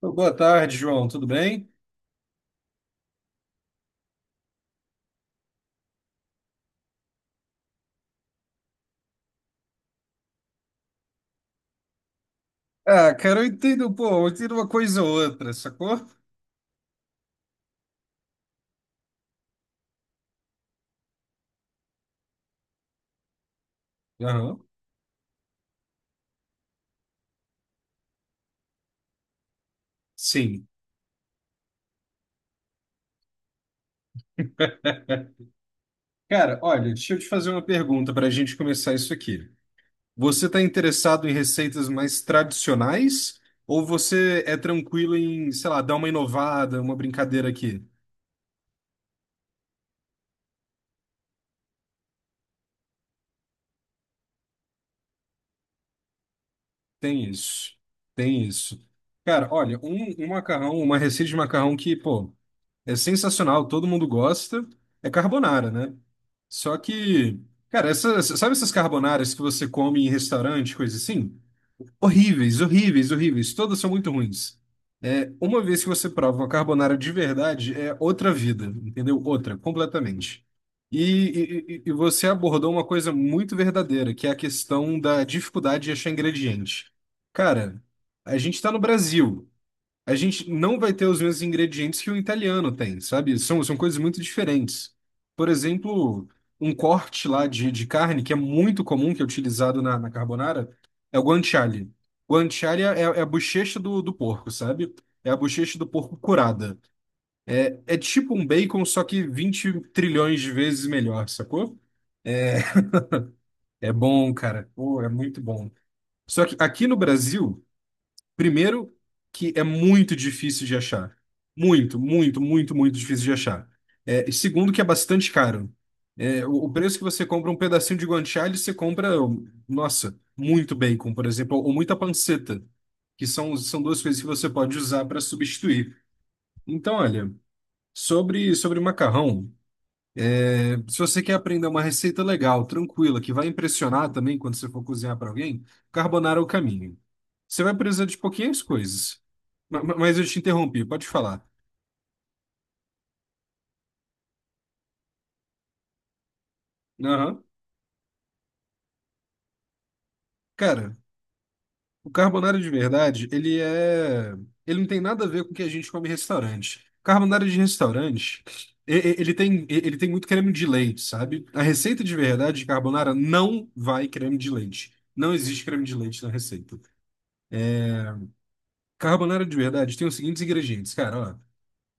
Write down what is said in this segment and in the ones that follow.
Pô, boa tarde, João. Tudo bem? Ah, cara, eu entendo, pô, eu entendo uma coisa ou outra, sacou? Aham. Sim. Cara, olha, deixa eu te fazer uma pergunta para a gente começar isso aqui. Você está interessado em receitas mais tradicionais ou você é tranquilo em, sei lá, dar uma inovada, uma brincadeira aqui? Tem isso. Tem isso. Cara, olha, um macarrão, uma receita de macarrão que, pô, é sensacional, todo mundo gosta. É carbonara, né? Só que, cara, essas sabe essas carbonaras que você come em restaurante, coisa assim? Horríveis, horríveis, horríveis. Todas são muito ruins. É, uma vez que você prova uma carbonara de verdade, é outra vida, entendeu? Outra, completamente. E, e você abordou uma coisa muito verdadeira, que é a questão da dificuldade de achar ingrediente. Cara, a gente está no Brasil, a gente não vai ter os mesmos ingredientes que o italiano tem, sabe? São, são coisas muito diferentes. Por exemplo, um corte lá de carne que é muito comum, que é utilizado na carbonara, é o guanciale. Guanciale é, é a bochecha do porco, sabe? É a bochecha do porco curada. É, é tipo um bacon, só que 20 trilhões de vezes melhor, sacou? É é bom, cara. Pô, é muito bom. Só que aqui no Brasil, primeiro, que é muito difícil de achar. Muito, muito, muito, muito difícil de achar. É, e segundo, que é bastante caro. É, o preço que você compra um pedacinho de guanciale, você compra, nossa, muito bacon, por exemplo, ou muita panceta, que são, são duas coisas que você pode usar para substituir. Então, olha, sobre, sobre macarrão. Se você quer aprender uma receita legal, tranquila, que vai impressionar também quando você for cozinhar para alguém, carbonara é o caminho. Você vai precisar de pouquinhas coisas. Mas eu te interrompi, pode falar. Aham. Cara, o carbonara de verdade, ele é. Ele não tem nada a ver com o que a gente come em restaurante. Carbonara de restaurante, ele tem muito creme de leite, sabe? A receita de verdade de carbonara não vai creme de leite. Não existe creme de leite na receita. Carbonara de verdade tem os seguintes ingredientes, cara, ó.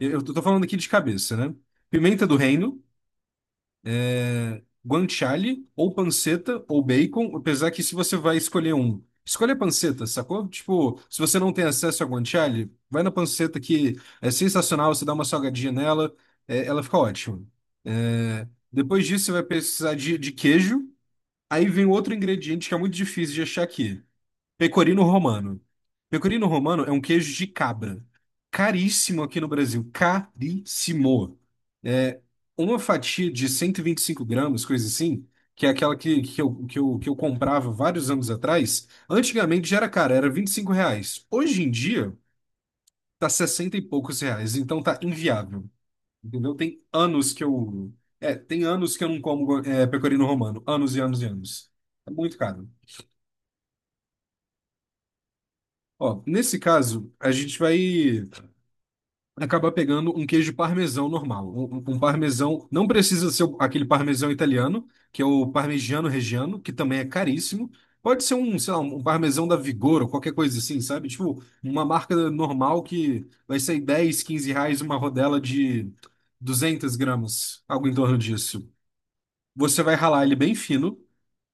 Eu tô falando aqui de cabeça, né? Pimenta do reino, é, guanciale, ou panceta, ou bacon, apesar que se você vai escolher um, escolha a panceta, sacou? Tipo, se você não tem acesso a guanciale, vai na panceta que é sensacional, você dá uma salgadinha nela, é, ela fica ótima. É, depois disso, você vai precisar de queijo, aí vem outro ingrediente que é muito difícil de achar aqui. Pecorino romano. Pecorino romano é um queijo de cabra. Caríssimo aqui no Brasil. Caríssimo. É uma fatia de cento e vinte e cinco gramas, coisa assim, que, é aquela que eu comprava vários anos atrás. Antigamente já era cara, era 25 reais. Hoje em dia, tá 60 e poucos reais. Então tá inviável. Entendeu? Tem anos que eu. É, tem anos que eu não como é, pecorino romano. Anos e anos e anos. É muito caro. Ó, nesse caso, a gente vai acabar pegando um queijo parmesão normal. Um parmesão, não precisa ser o- aquele parmesão italiano, que é o parmigiano reggiano, que também é caríssimo. Pode ser um, sei lá, um parmesão da Vigor ou qualquer coisa assim, sabe? Tipo, uma marca normal que vai sair 10 15 reais uma rodela de 200 gramas, algo em torno disso. Você vai ralar ele bem fino,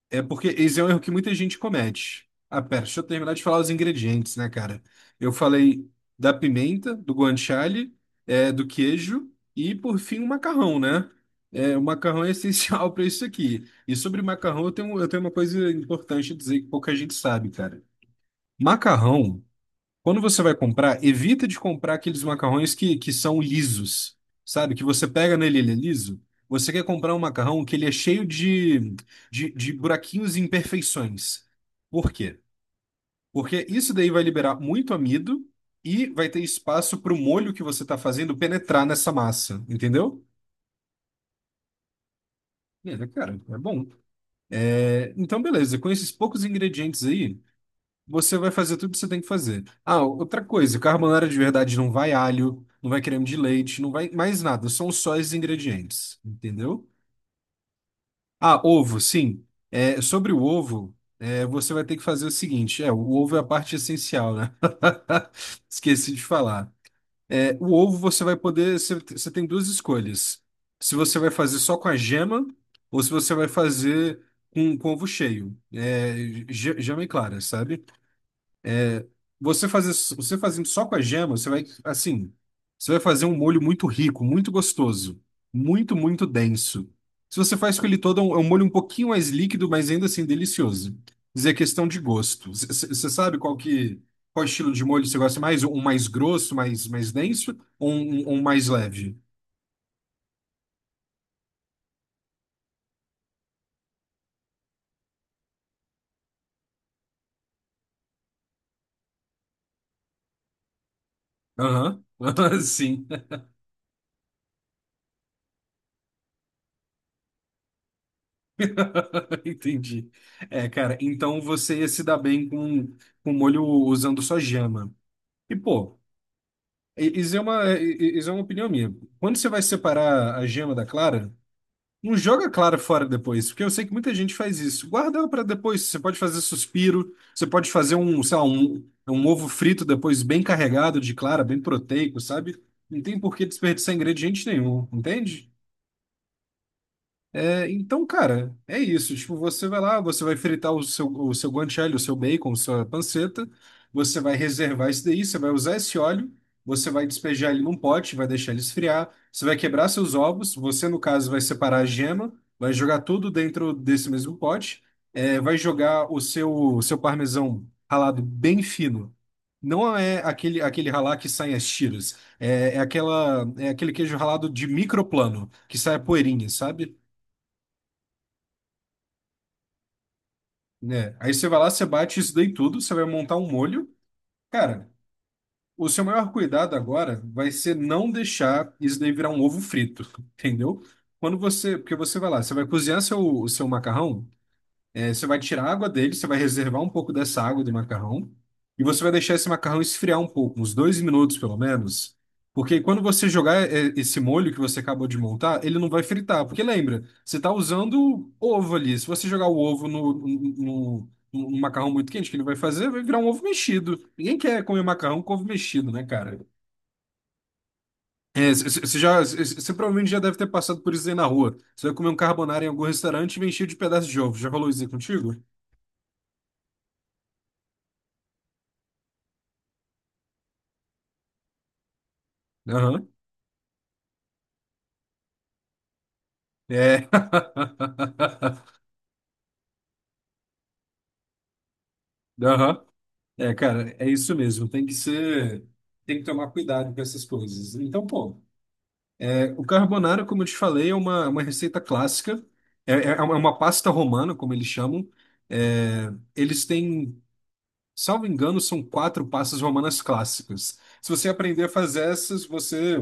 é porque esse é um erro que muita gente comete. Ah, pera, deixa eu terminar de falar os ingredientes, né, cara? Eu falei da pimenta, do guanciale, é, do queijo e, por fim, o macarrão, né? É, o macarrão é essencial para isso aqui. E sobre macarrão, eu tenho uma coisa importante a dizer que pouca gente sabe, cara. Macarrão. Quando você vai comprar, evita de comprar aqueles macarrões que são lisos, sabe? Que você pega nele, ele é liso. Você quer comprar um macarrão que ele é cheio de, de buraquinhos e imperfeições. Por quê? Porque isso daí vai liberar muito amido e vai ter espaço para o molho que você está fazendo penetrar nessa massa, entendeu? É, cara, é bom. É, então, beleza, com esses poucos ingredientes aí. Você vai fazer tudo que você tem que fazer. Ah, outra coisa, carbonara de verdade não vai alho, não vai creme de leite, não vai mais nada, são só os ingredientes, entendeu? Ah, ovo, sim. É, sobre o ovo, é, você vai ter que fazer o seguinte, é, o ovo é a parte essencial, né? Esqueci de falar. É, o ovo você vai poder, você, você tem duas escolhas. Se você vai fazer só com a gema ou se você vai fazer com ovo cheio, é, gema e clara, sabe? Você fazer, você fazendo só com a gema, você vai, assim, você vai fazer um molho muito rico, muito gostoso, muito, muito denso. Se você faz com ele todo, é um molho um pouquinho mais líquido, mas ainda assim delicioso. Dizer questão de gosto. Você sabe qual que, qual estilo de molho você gosta mais? Um mais grosso, mais, mais denso, ou um, um mais leve? Aham, sim, entendi. É, cara, então você ia se dar bem com molho usando só gema. E, pô, isso é uma opinião minha. Quando você vai separar a gema da clara, não joga a clara fora depois, porque eu sei que muita gente faz isso. Guarda ela para depois. Você pode fazer suspiro, você pode fazer um, sei lá, um ovo frito depois bem carregado de clara, bem proteico, sabe? Não tem por que desperdiçar ingrediente nenhum, entende? É, então, cara, é isso. Tipo, você vai lá, você vai fritar o seu guanciale, o seu bacon, sua panceta, você vai reservar isso daí, você vai usar esse óleo, você vai despejar ele num pote, vai deixar ele esfriar, você vai quebrar seus ovos, você, no caso, vai separar a gema, vai jogar tudo dentro desse mesmo pote, é, vai jogar o seu parmesão ralado bem fino. Não é aquele, aquele ralar que sai as tiras, é, é, aquela, é aquele queijo ralado de microplano, que sai a poeirinha, sabe? Né? Aí você vai lá, você bate isso daí tudo, você vai montar um molho. Cara, o seu maior cuidado agora vai ser não deixar isso daí virar um ovo frito, entendeu? Quando você, porque você vai lá, você vai cozinhar seu, o seu macarrão, é, você vai tirar a água dele, você vai reservar um pouco dessa água do macarrão e você vai deixar esse macarrão esfriar um pouco, uns 2 minutos pelo menos, porque quando você jogar é, esse molho que você acabou de montar, ele não vai fritar, porque lembra, você está usando ovo ali. Se você jogar o ovo no, no macarrão muito quente, o que ele vai fazer? Vai virar um ovo mexido. Ninguém quer comer macarrão com ovo mexido, né, cara? É, você já, você provavelmente já deve ter passado por isso aí na rua. Você vai comer um carbonara em algum restaurante e vem cheio de pedaços de ovo. Já rolou isso aí contigo? Aham. É. Aham. É, cara, é isso mesmo. Tem que ser. Tem que tomar cuidado com essas coisas. Então, pô, é, o carbonara, como eu te falei, é uma receita clássica. É, é uma pasta romana, como eles chamam. É, eles têm, salvo engano, são quatro pastas romanas clássicas. Se você aprender a fazer essas, você,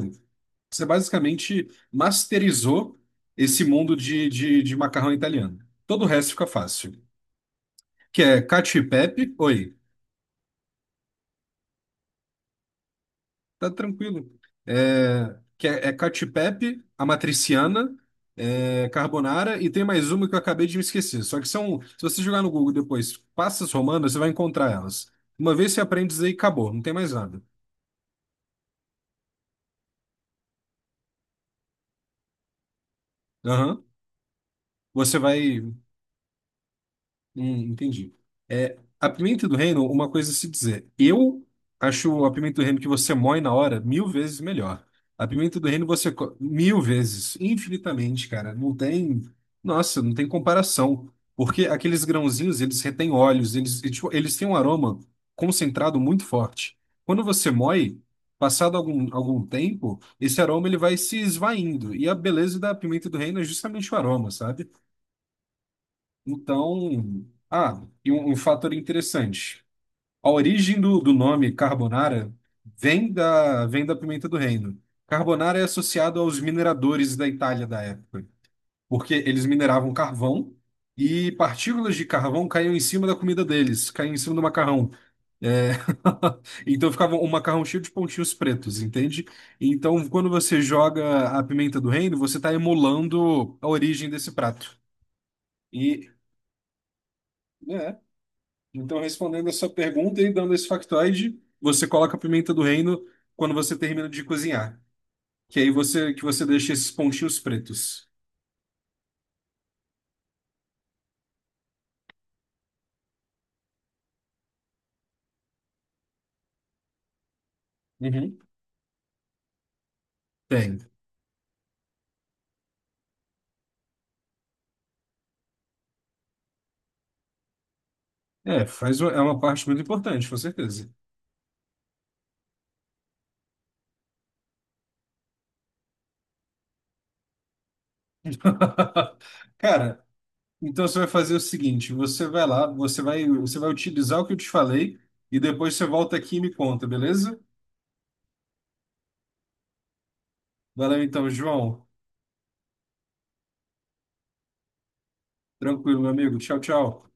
você basicamente masterizou esse mundo de, de macarrão italiano. Todo o resto fica fácil. Que é cacio e pepe. Oi. Tá tranquilo. É, que é, é Cacio e Pepe, a matriciana, é, carbonara e tem mais uma que eu acabei de me esquecer. Só que são, se você jogar no Google depois, passas romanas, você vai encontrar elas. Uma vez você aprende isso aí, acabou, não tem mais nada. Aham. Você vai. Entendi. É, a pimenta do reino, uma coisa a se dizer. Eu acho a pimenta do reino que você moe na hora mil vezes melhor. A pimenta do reino você co- mil vezes, infinitamente, cara. Não tem, nossa, não tem comparação. Porque aqueles grãozinhos, eles retêm óleos, eles, e, tipo, eles têm um aroma concentrado muito forte. Quando você moe, passado algum tempo, esse aroma ele vai se esvaindo. E a beleza da pimenta do reino é justamente o aroma, sabe? Então, ah, e um fator interessante. A origem do nome carbonara vem da pimenta do reino. Carbonara é associado aos mineradores da Itália da época, porque eles mineravam carvão e partículas de carvão caíam em cima da comida deles, caíam em cima do macarrão. É, então ficava um macarrão cheio de pontinhos pretos, entende? Então, quando você joga a pimenta do reino, você está emulando a origem desse prato. E. É, então, respondendo a sua pergunta e dando esse factoide, você coloca a pimenta do reino quando você termina de cozinhar. Que aí você que você deixa esses pontinhos pretos. Uhum. Tem. É, faz uma- é uma parte muito importante, com certeza. Cara, então você vai fazer o seguinte, você vai lá, você vai utilizar o que eu te falei e depois você volta aqui e me conta, beleza? Valeu então, João. Tranquilo, meu amigo. Tchau, tchau.